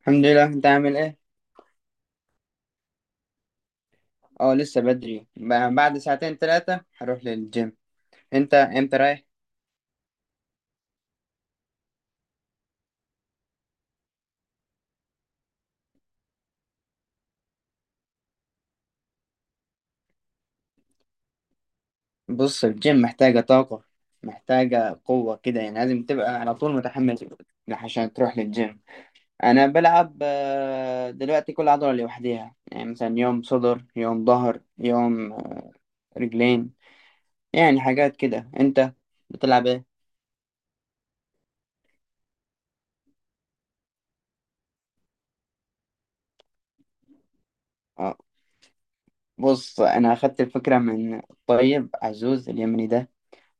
الحمد لله. انت عامل ايه؟ اه، لسه بدري. بعد ساعتين 3 هروح للجيم. انت امتى رايح؟ بص، الجيم محتاجة طاقة، محتاجة قوة كده. يعني لازم تبقى على طول متحمس عشان تروح للجيم. انا بلعب دلوقتي كل عضلة لوحديها. يعني مثلا يوم صدر، يوم ظهر، يوم رجلين، يعني حاجات كده. انت بتلعب ايه؟ اه، بص، انا اخدت الفكرة من الطيب عزوز اليمني ده،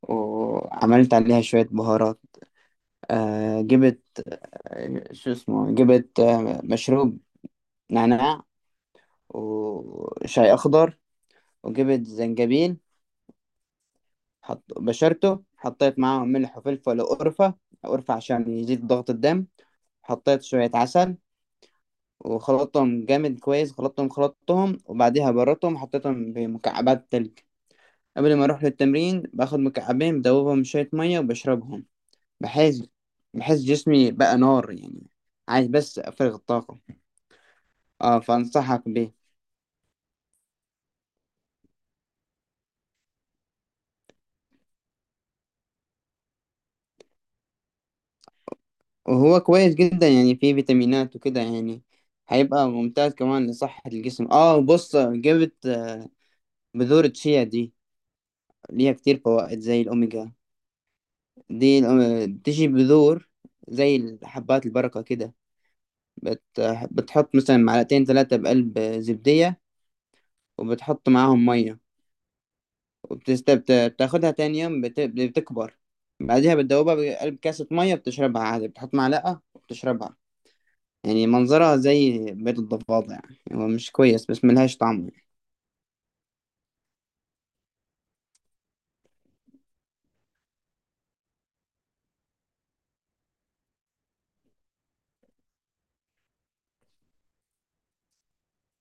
وعملت عليها شوية بهارات. آه، جبت شو اسمه، جبت مشروب نعناع، وشاي أخضر، وجبت زنجبيل. حط بشرته، حطيت معاهم ملح وفلفل وقرفة. قرفة عشان يزيد ضغط الدم. حطيت شوية عسل، وخلطتهم جامد كويس، خلطتهم، وبعديها بردتهم، حطيتهم بمكعبات تلج. قبل ما أروح للتمرين باخد مكعبين، بدوبهم شوية مية وبشربهم، بحيث بحيث جسمي بقى نار يعني. عايز بس أفرغ الطاقة. اه، فانصحك بيه. وهو كويس جدا، يعني فيه فيتامينات وكده، يعني هيبقى ممتاز كمان لصحة الجسم. اه، بص، جبت بذور الشيا دي، ليها كتير فوائد زي الأوميجا. دي بتيجي بذور زي حبات البركة كده. بت... بتحط مثلا معلقتين 3 بقلب زبدية، وبتحط معاهم مية، وبتست... بت- بتاخدها تاني يوم، بتكبر. بعدها بتدوبها بقلب كاسة مية، بتشربها عادي، بتحط معلقة وبتشربها. يعني منظرها زي بيض الضفادع يعني، هو مش كويس بس ملهاش طعم يعني.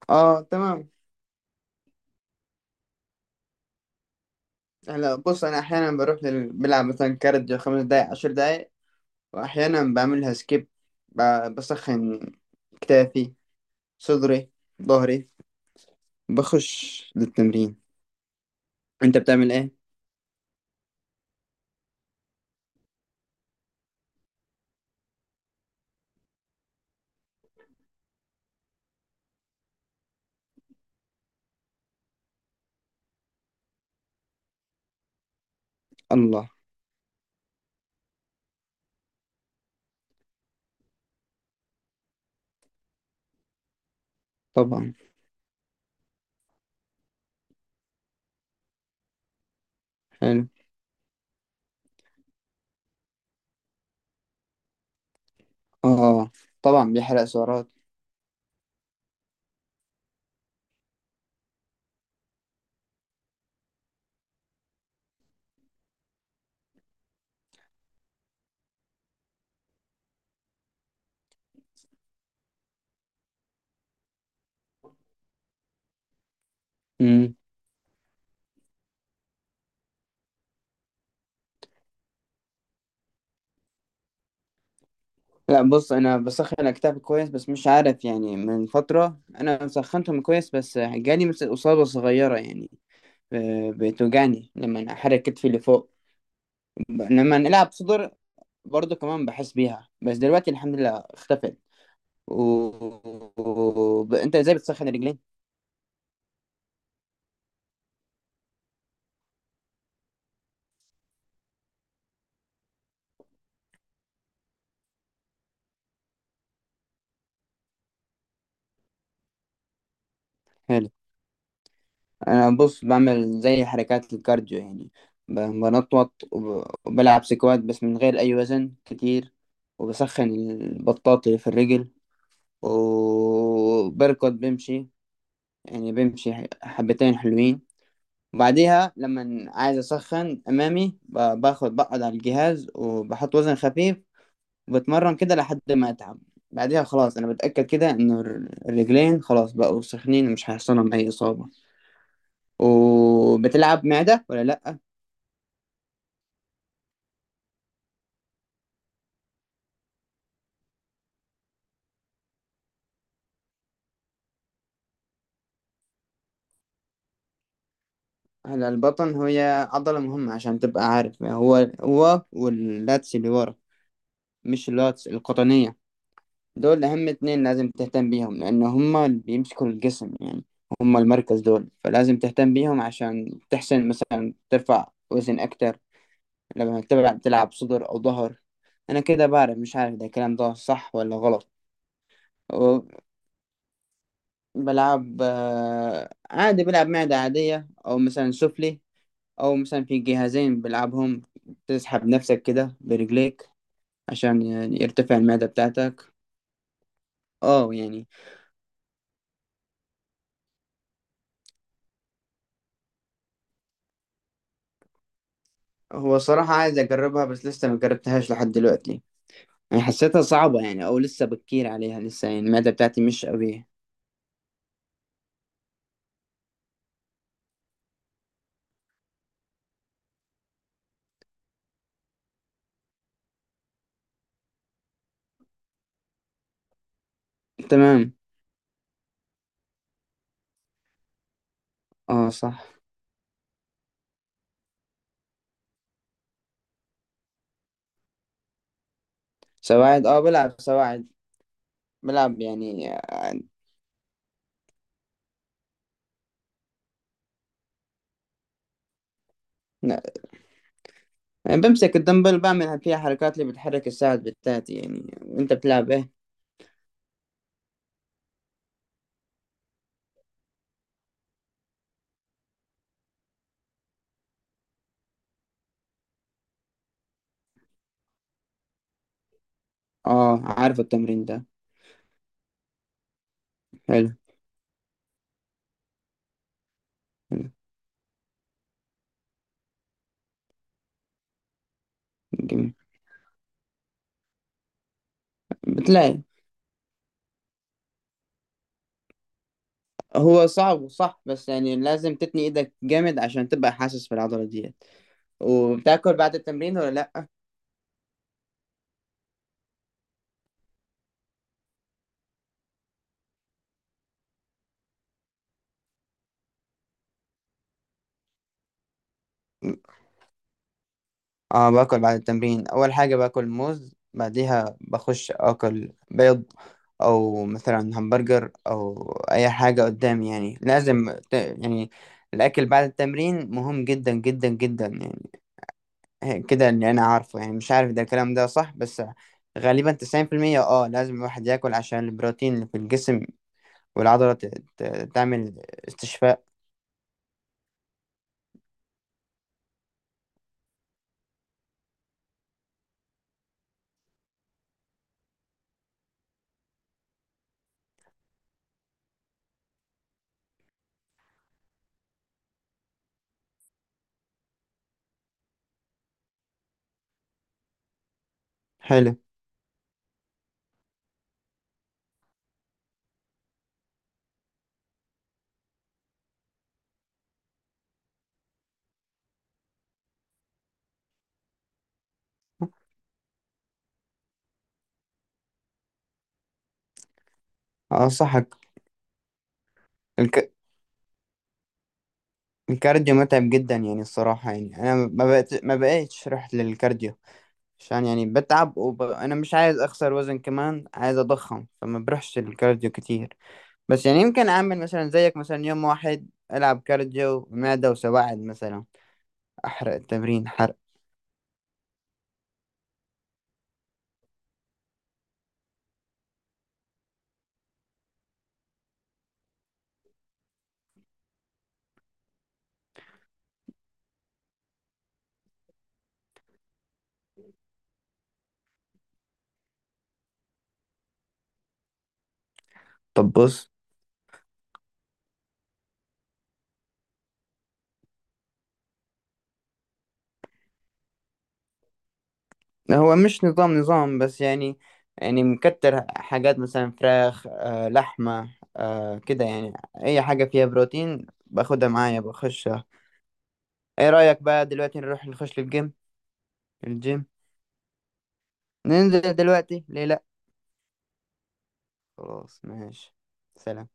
اه، تمام. هلا، بص، انا احيانا بروح بلعب مثلا كارديو 5 دقايق، 10 دقايق، واحيانا بعملها سكيب. ب... بسخن كتافي، صدري، ظهري، بخش للتمرين. انت بتعمل ايه؟ الله. طبعا. حلو. اه، طبعا بيحرق سعرات. امم لا، بص، انا بسخن كتافي كويس، بس مش عارف يعني من فترة، انا سخنتهم كويس بس جالي مثل اصابة صغيرة يعني. بتوجعني لما أنا احرك كتفي اللي فوق. لما نلعب صدر برضو كمان بحس بيها، بس دلوقتي الحمد لله اختفت. و... انت ازاي بتسخن الرجلين؟ حلو. انا بص بعمل زي حركات الكارديو يعني، بنطوط وب- وبلعب سكوات بس من غير اي وزن كتير، وبسخن البطاط اللي في الرجل، وبركض بمشي، يعني بمشي حبتين حلوين. وبعديها لما عايز أسخن أمامي، باخد بقعد على الجهاز وبحط وزن خفيف، وبتمرن كده لحد ما أتعب. بعديها خلاص أنا بتأكد كده إنه الرجلين خلاص بقوا سخنين، ومش هيحصلهم أي إصابة. وبتلعب معدة ولا لأ؟ هلا، البطن هي عضلة مهمة. عشان تبقى عارف، هو هو واللاتس اللي ورا، مش اللاتس القطنية. دول أهم 2 لازم تهتم بيهم، لأن هما اللي بيمسكوا الجسم يعني، هما المركز دول. فلازم تهتم بيهم عشان تحسن مثلا ترفع وزن أكتر لما تلعب صدر أو ظهر. أنا كده بعرف، مش عارف ده الكلام ده صح ولا غلط. بلعب، عادي بلعب معدة عادية، أو مثلا سفلي، أو مثلا في جهازين بلعبهم. تسحب نفسك كده برجليك عشان يعني يرتفع المعدة بتاعتك، اه يعني. هو صراحة عايز أجربها بس لسه ما جربتهاش لحد دلوقتي. يعني حسيتها صعبة يعني، أو لسه بكير عليها لسه، يعني المعدة بتاعتي مش قوية. تمام. اه، صح. سواعد؟ اه، بلعب سواعد، بلعب يعني لا. يعني بمسك الدمبل، بعمل فيها حركات اللي بتحرك الساعد بتاعتي. يعني انت بتلعب ايه؟ اه، عارف التمرين ده. حلو، حلو. جميل. بتلاقي، هو صعب وصح، بس يعني لازم تتني ايدك جامد عشان تبقى حاسس بالعضلة ديت. وبتاكل بعد التمرين ولا لا؟ اه، باكل بعد التمرين، اول حاجه باكل موز، بعديها بخش اكل بيض، او مثلا همبرجر، او اي حاجه قدامي. يعني لازم يعني الاكل بعد التمرين مهم جدا جدا جدا يعني. كده اللي انا عارفه، يعني مش عارف ده الكلام ده صح، بس غالبا 90%. اه، لازم الواحد ياكل عشان البروتين اللي في الجسم، والعضله تعمل استشفاء. حلو. اه، صحك. الكارديو متعب جدا يعني الصراحة. يعني أنا ما بقيتش رحت للكارديو، عشان يعني بتعب. أنا مش عايز أخسر وزن، كمان عايز أضخم، فما بروحش للكارديو كتير. بس يعني يمكن أعمل مثلا زيك، مثلا يوم واحد ألعب كارديو، معدة وسواعد مثلا، أحرق التمرين حرق. طب بص، هو مش نظام، بس يعني، يعني مكتر حاجات مثلا فراخ، لحمة، كده يعني، أي حاجة فيها بروتين باخدها معايا بخش. ايه رأيك بقى دلوقتي نروح نخش للجيم؟ الجيم، ننزل دلوقتي، ليه لا؟ خلاص ماشي. سلام.